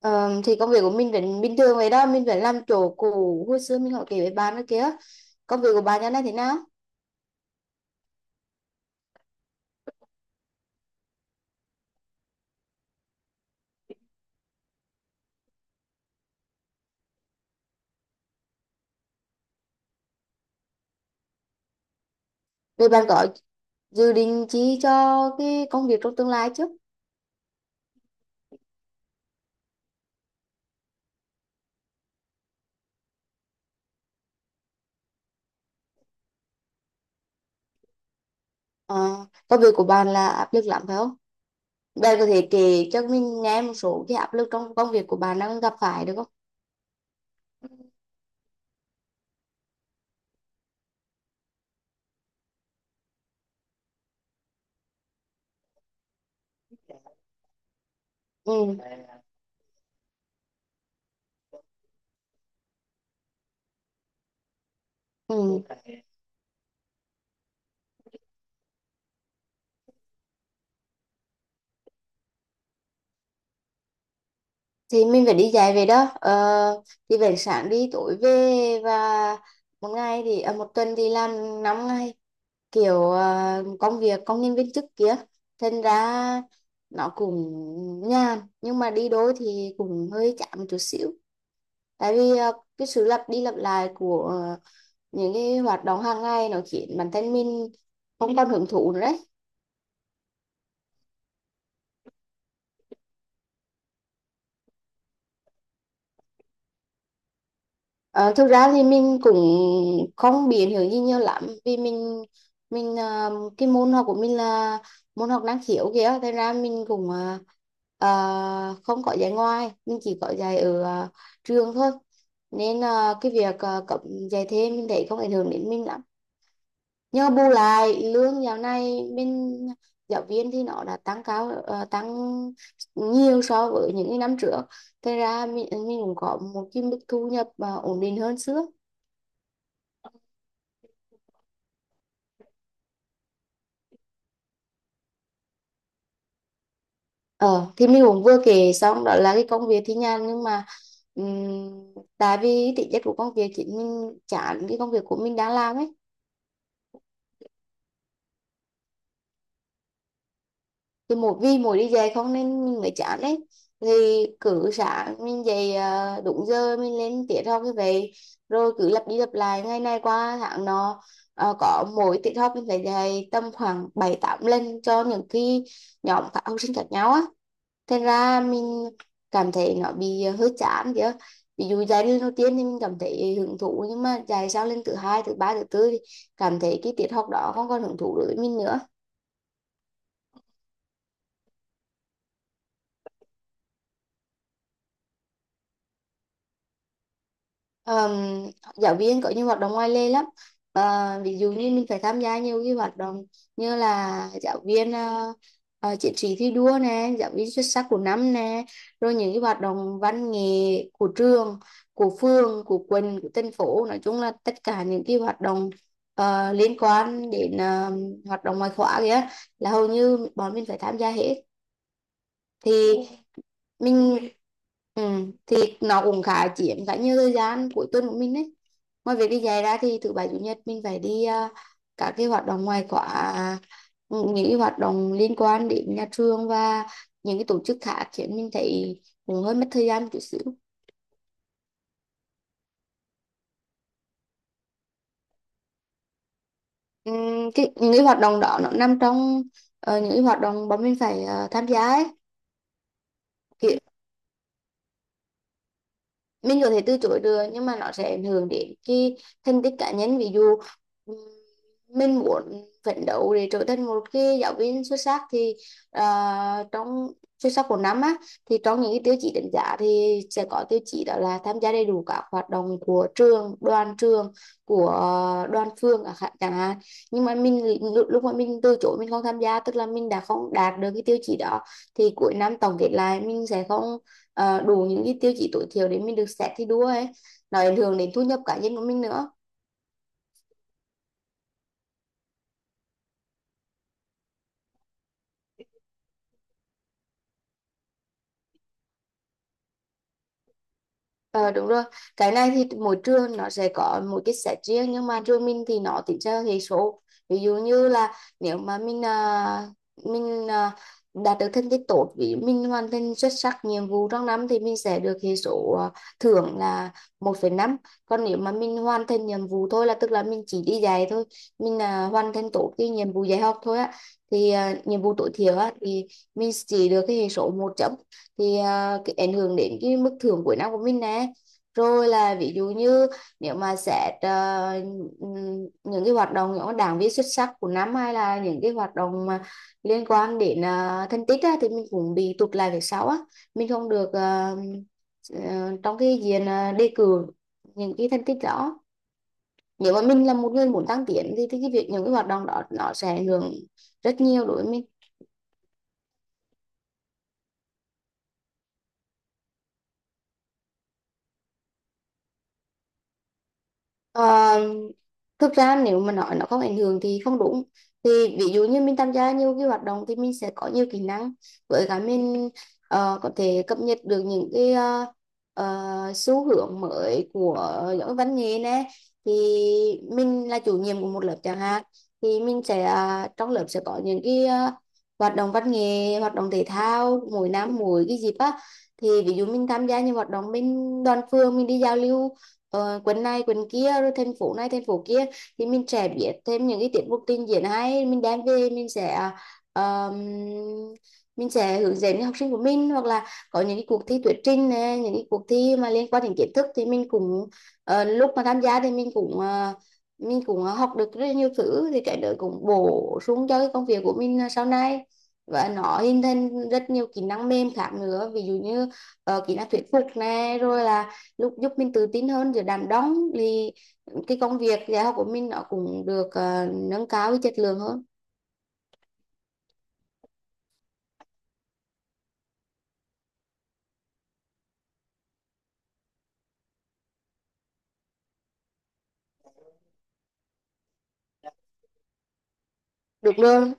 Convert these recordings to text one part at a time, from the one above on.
Ờ, thì công việc của mình vẫn bình thường vậy đó, mình vẫn làm chỗ cũ, hồi xưa mình hỏi kể với bạn đó kia. Công việc của bạn nhà này thế nào? Rồi bạn có dự định chi cho cái công việc trong tương lai chứ? Ờ, Công việc của bạn là áp lực lắm phải không? Bạn có thể kể cho mình nghe một số cái áp lực trong công việc của bạn đang gặp phải được không? Ừ, ừ. Thì mình phải đi dạy về đó, thì về sáng đi tối về. Và một tuần thì làm 5 ngày, kiểu công việc công nhân viên chức kia. Thành ra nó cũng nhàn, nhưng mà đi đôi thì cũng hơi chán một chút xíu. Tại vì cái sự lặp đi lặp lại của những cái hoạt động hàng ngày nó khiến bản thân mình không còn hưởng thụ nữa đấy. Ờ, Thực ra thì mình cũng không biến hiểu gì nhiều lắm vì mình cái môn học của mình là môn học năng khiếu kìa. Thế ra mình cũng không có dạy ngoài, mình chỉ có dạy ở trường thôi. Nên cái việc cấm dạy thêm mình thấy không ảnh hưởng đến mình lắm. Nhờ bù lại lương dạo này bên giáo viên thì nó đã tăng cao, tăng nhiều so với những cái năm trước. Thế ra mình cũng có một cái mức thu nhập ổn định hơn xưa. Ờ, thì mình cũng vừa kể xong đó, là cái công việc thì nhàn nhưng mà ừm, tại vì tính chất của công việc chính, mình chán cái công việc của mình đang làm ấy. Thì mỗi vì mỗi đi dạy không nên mình mới chán đấy. Thì cứ sáng mình dậy đúng giờ mình lên tiết học như vậy, rồi cứ lặp đi lặp lại ngày này qua tháng nọ. Có mỗi tiết học mình phải dạy tầm khoảng bảy tám lần cho những cái nhóm các học sinh khác nhau á. Thật ra mình cảm thấy nó bị hơi chán kìa. Ví dụ giai đoạn đầu tiên thì mình cảm thấy hứng thú, nhưng mà dài sau lên thứ hai, thứ ba, thứ tư thì cảm thấy cái tiết học đó không còn hứng thú đối với mình nữa. Ờm, Giáo viên có nhiều hoạt động ngoài lề lắm. Ờ, Ví dụ như mình phải tham gia nhiều cái hoạt động, như là giáo viên chiến sĩ thi đua nè, giáo viên xuất sắc của năm nè, rồi những cái hoạt động văn nghệ của trường, của phường, của quận, của thành phố. Nói chung là tất cả những cái hoạt động liên quan đến hoạt động ngoại khóa kìa, là hầu như bọn mình phải tham gia hết. Thì mình, ừ, thì nó cũng khá chiếm khá nhiều thời gian cuối tuần của mình đấy. Ngoài việc đi dạy ra thì thứ bảy chủ nhật mình phải đi, các cái hoạt động ngoài khóa, những cái hoạt động liên quan đến nhà trường và những cái tổ chức khác, khiến mình thấy cũng hơi mất thời gian một chút xíu. Cái những cái hoạt động đó nó nằm trong những cái hoạt động bọn mình phải tham gia ấy. Thì mình có thể từ chối được, nhưng mà nó sẽ ảnh hưởng đến cái thành tích cá nhân. Ví dụ ừm, mình muốn phấn đấu để trở thành một cái giáo viên xuất sắc, thì trong xuất sắc của năm á, thì trong những cái tiêu chí đánh giá thì sẽ có tiêu chí đó là tham gia đầy đủ các hoạt động của trường, đoàn trường, của đoàn phường chẳng hạn chẳng hạn. Nhưng mà mình lúc lúc mà mình từ chối, mình không tham gia, tức là mình đã không đạt được cái tiêu chí đó. Thì cuối năm tổng kết lại mình sẽ không đủ những cái tiêu chí tối thiểu để mình được xét thi đua ấy. Nó ảnh hưởng đến thu nhập cá nhân của mình nữa. Ờ Đúng rồi, cái này thì mỗi trường nó sẽ có một cái set riêng, nhưng mà trường mình thì nó tính theo hệ số. Ví dụ như là nếu mà mình đạt được thành tích tốt, vì mình hoàn thành xuất sắc nhiệm vụ trong năm, thì mình sẽ được hệ số, thưởng là 1,5. Còn nếu mà mình hoàn thành nhiệm vụ thôi, là tức là mình chỉ đi dạy thôi, mình hoàn thành tốt cái nhiệm vụ dạy học thôi á, thì nhiệm vụ tối thiểu á, thì mình chỉ được cái hệ số một chấm. Thì cái ảnh hưởng đến cái mức thưởng cuối năm của mình nè. Rồi là ví dụ như, nếu mà xét những cái hoạt động, những cái đảng viên xuất sắc của năm, hay là những cái hoạt động mà liên quan đến thành tích á, thì mình cũng bị tụt lại về sau á. Mình không được trong cái diện, đề cử những cái thành tích đó. Nếu mà mình là một người muốn tăng tiến thì cái việc những cái hoạt động đó nó sẽ ảnh hưởng rất nhiều đối với mình. Ờ, Thực ra nếu mà nói nó không ảnh hưởng thì không đúng. Thì ví dụ như mình tham gia nhiều cái hoạt động thì mình sẽ có nhiều kỹ năng, với cả mình có thể cập nhật được những cái xu hướng mới của giáo dục văn nghệ nè. Thì mình là chủ nhiệm của một lớp chẳng hạn, thì mình sẽ, trong lớp sẽ có những cái hoạt động văn nghệ, hoạt động thể thao mỗi năm mỗi cái dịp á. Thì ví dụ mình tham gia những hoạt động bên đoàn phường, mình đi giao lưu quần này quần kia, rồi thành phố này thành phố kia. Thì mình sẽ biết thêm những cái tiết mục trình diễn hay, mình đem về mình sẽ, ờ, mình sẽ hướng dẫn học sinh của mình. Hoặc là có những cái cuộc thi thuyết trình này, những cái cuộc thi mà liên quan đến kiến thức, thì mình cũng, lúc mà tham gia thì mình cũng học được rất nhiều thứ. Thì cái đó cũng bổ sung cho cái công việc của mình sau này, và nó hình thành rất nhiều kỹ năng mềm khác nữa. Ví dụ như kỹ năng thuyết phục này, rồi là lúc giúp mình tự tin hơn giữa đám đông, thì cái công việc dạy học của mình nó cũng được nâng cao cái chất lượng hơn. Được rồi.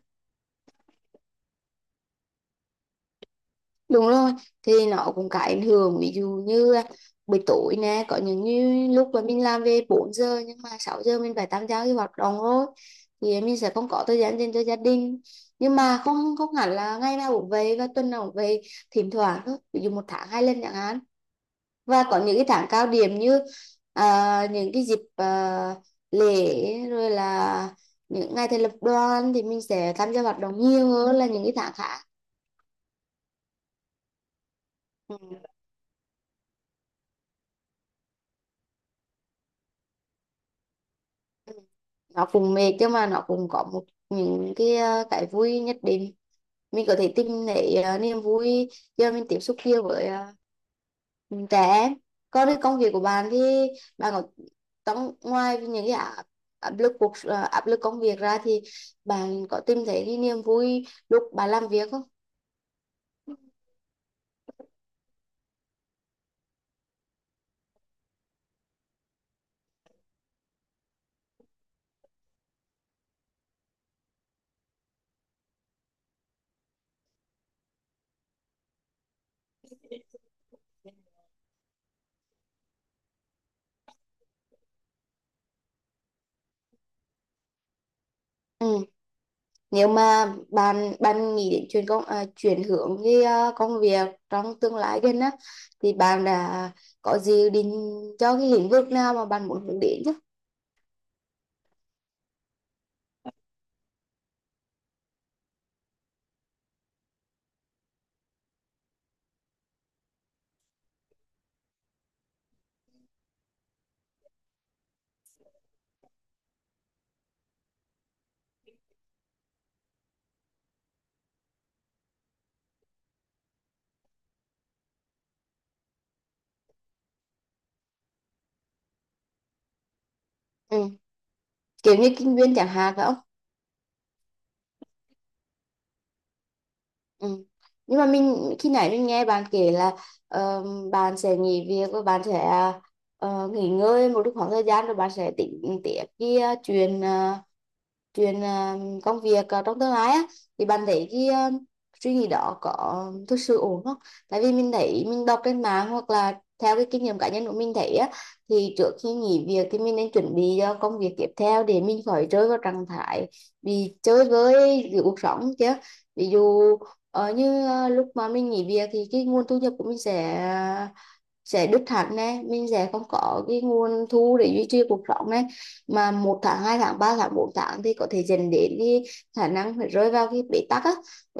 Đúng rồi, thì nó cũng có ảnh hưởng, ví dụ như buổi tối nè, có những như lúc mà mình làm về 4 giờ, nhưng mà 6 giờ mình phải tham gia cái hoạt động rồi. Thì mình sẽ không có thời gian dành cho gia đình. Nhưng mà không không hẳn là ngày nào cũng về và tuần nào cũng về, thỉnh thoảng thôi, ví dụ một tháng 2 lần chẳng hạn. Và có những cái tháng cao điểm như những cái dịp, lễ, rồi là những ngày thành lập đoàn, thì mình sẽ tham gia hoạt động nhiều hơn là những cái tháng khác. Ừ. Nó cũng mệt, nhưng mà nó cũng có một những cái, cái vui nhất định. Mình có thể tìm thấy, niềm vui do mình tiếp xúc nhiều với, trẻ em. Còn cái công việc của bạn thì, bạn có, trong ngoài những cái áp áp lực cuộc à, áp lực công việc ra, thì bạn có tìm thấy cái niềm vui lúc bạn làm việc không? Ừ. Nếu mà bạn bạn nghĩ đến chuyển hướng cái, công việc trong tương lai gần á, thì bạn đã có dự định cho cái lĩnh vực nào mà bạn muốn hướng đến chứ? Ừ. Kiểu như kinh doanh chẳng hạn phải không? Ừ. Nhưng mà mình khi nãy mình nghe bạn kể là ờ, bạn sẽ nghỉ việc và bạn sẽ nghỉ ngơi một lúc khoảng thời gian, rồi bạn sẽ tính tiếp cái chuyện à, công việc, trong tương lai á. Thì bạn thấy cái, suy nghĩ đó có thực sự ổn không? Tại vì mình thấy mình đọc trên mạng hoặc là theo cái kinh nghiệm cá nhân của mình thấy á, thì trước khi nghỉ việc thì mình nên chuẩn bị cho công việc tiếp theo để mình khỏi rơi vào trạng thái bị chơi với giữa cuộc sống chứ. Ví dụ như, lúc mà mình nghỉ việc thì cái nguồn thu nhập của mình sẽ đứt hẳn này. Mình sẽ không có cái nguồn thu để duy trì cuộc sống này, mà một tháng, hai tháng, ba tháng, bốn tháng thì có thể dẫn đến cái khả năng phải rơi vào cái bế tắc á.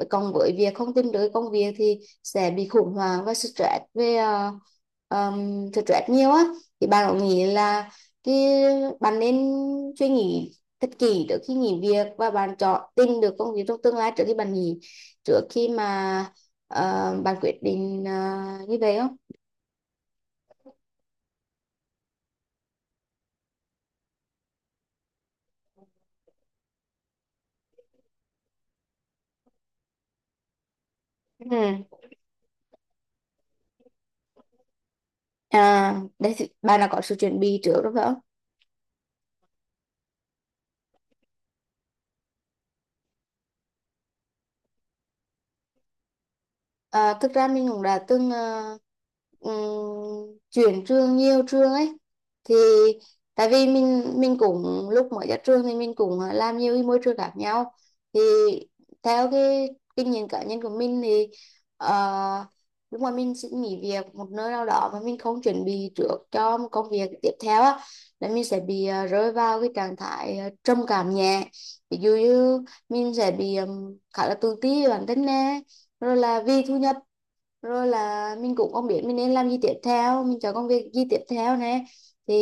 Còn với việc không tìm được công việc thì sẽ bị khủng hoảng và stress về, stress nhiều á. Thì bạn có nghĩ là cái bạn nên suy nghĩ thật kỹ trước khi nghỉ việc, và bạn chọn tìm được công việc trong tương lai trước khi bạn nghỉ, trước khi mà bạn quyết định như vậy không? Ừ. Đấy thì bạn là có sự chuẩn bị trước đúng phải không? À, thực ra mình cũng đã từng chuyển trường, nhiều trường ấy. Thì tại vì mình cũng lúc mới ra trường thì mình cũng làm nhiều cái môi trường khác nhau. Thì theo cái kinh nghiệm cá nhân của mình thì, ờ, lúc mà mình xin nghỉ việc một nơi nào đó mà mình không chuẩn bị trước cho một công việc tiếp theo á, là mình sẽ bị rơi vào cái trạng thái, trầm cảm nhẹ. Ví dụ như mình sẽ bị khá là tự ti về bản thân nè, rồi là vì thu nhập, rồi là mình cũng không biết mình nên làm gì tiếp theo, mình chọn công việc gì tiếp theo nè. Thì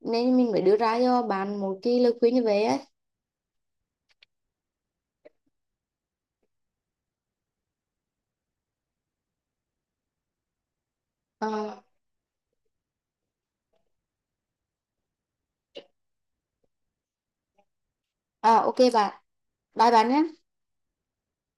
nên mình mới đưa ra cho bạn một cái lời khuyên như vậy á. Ờ. OK bạn, bye bạn nhé.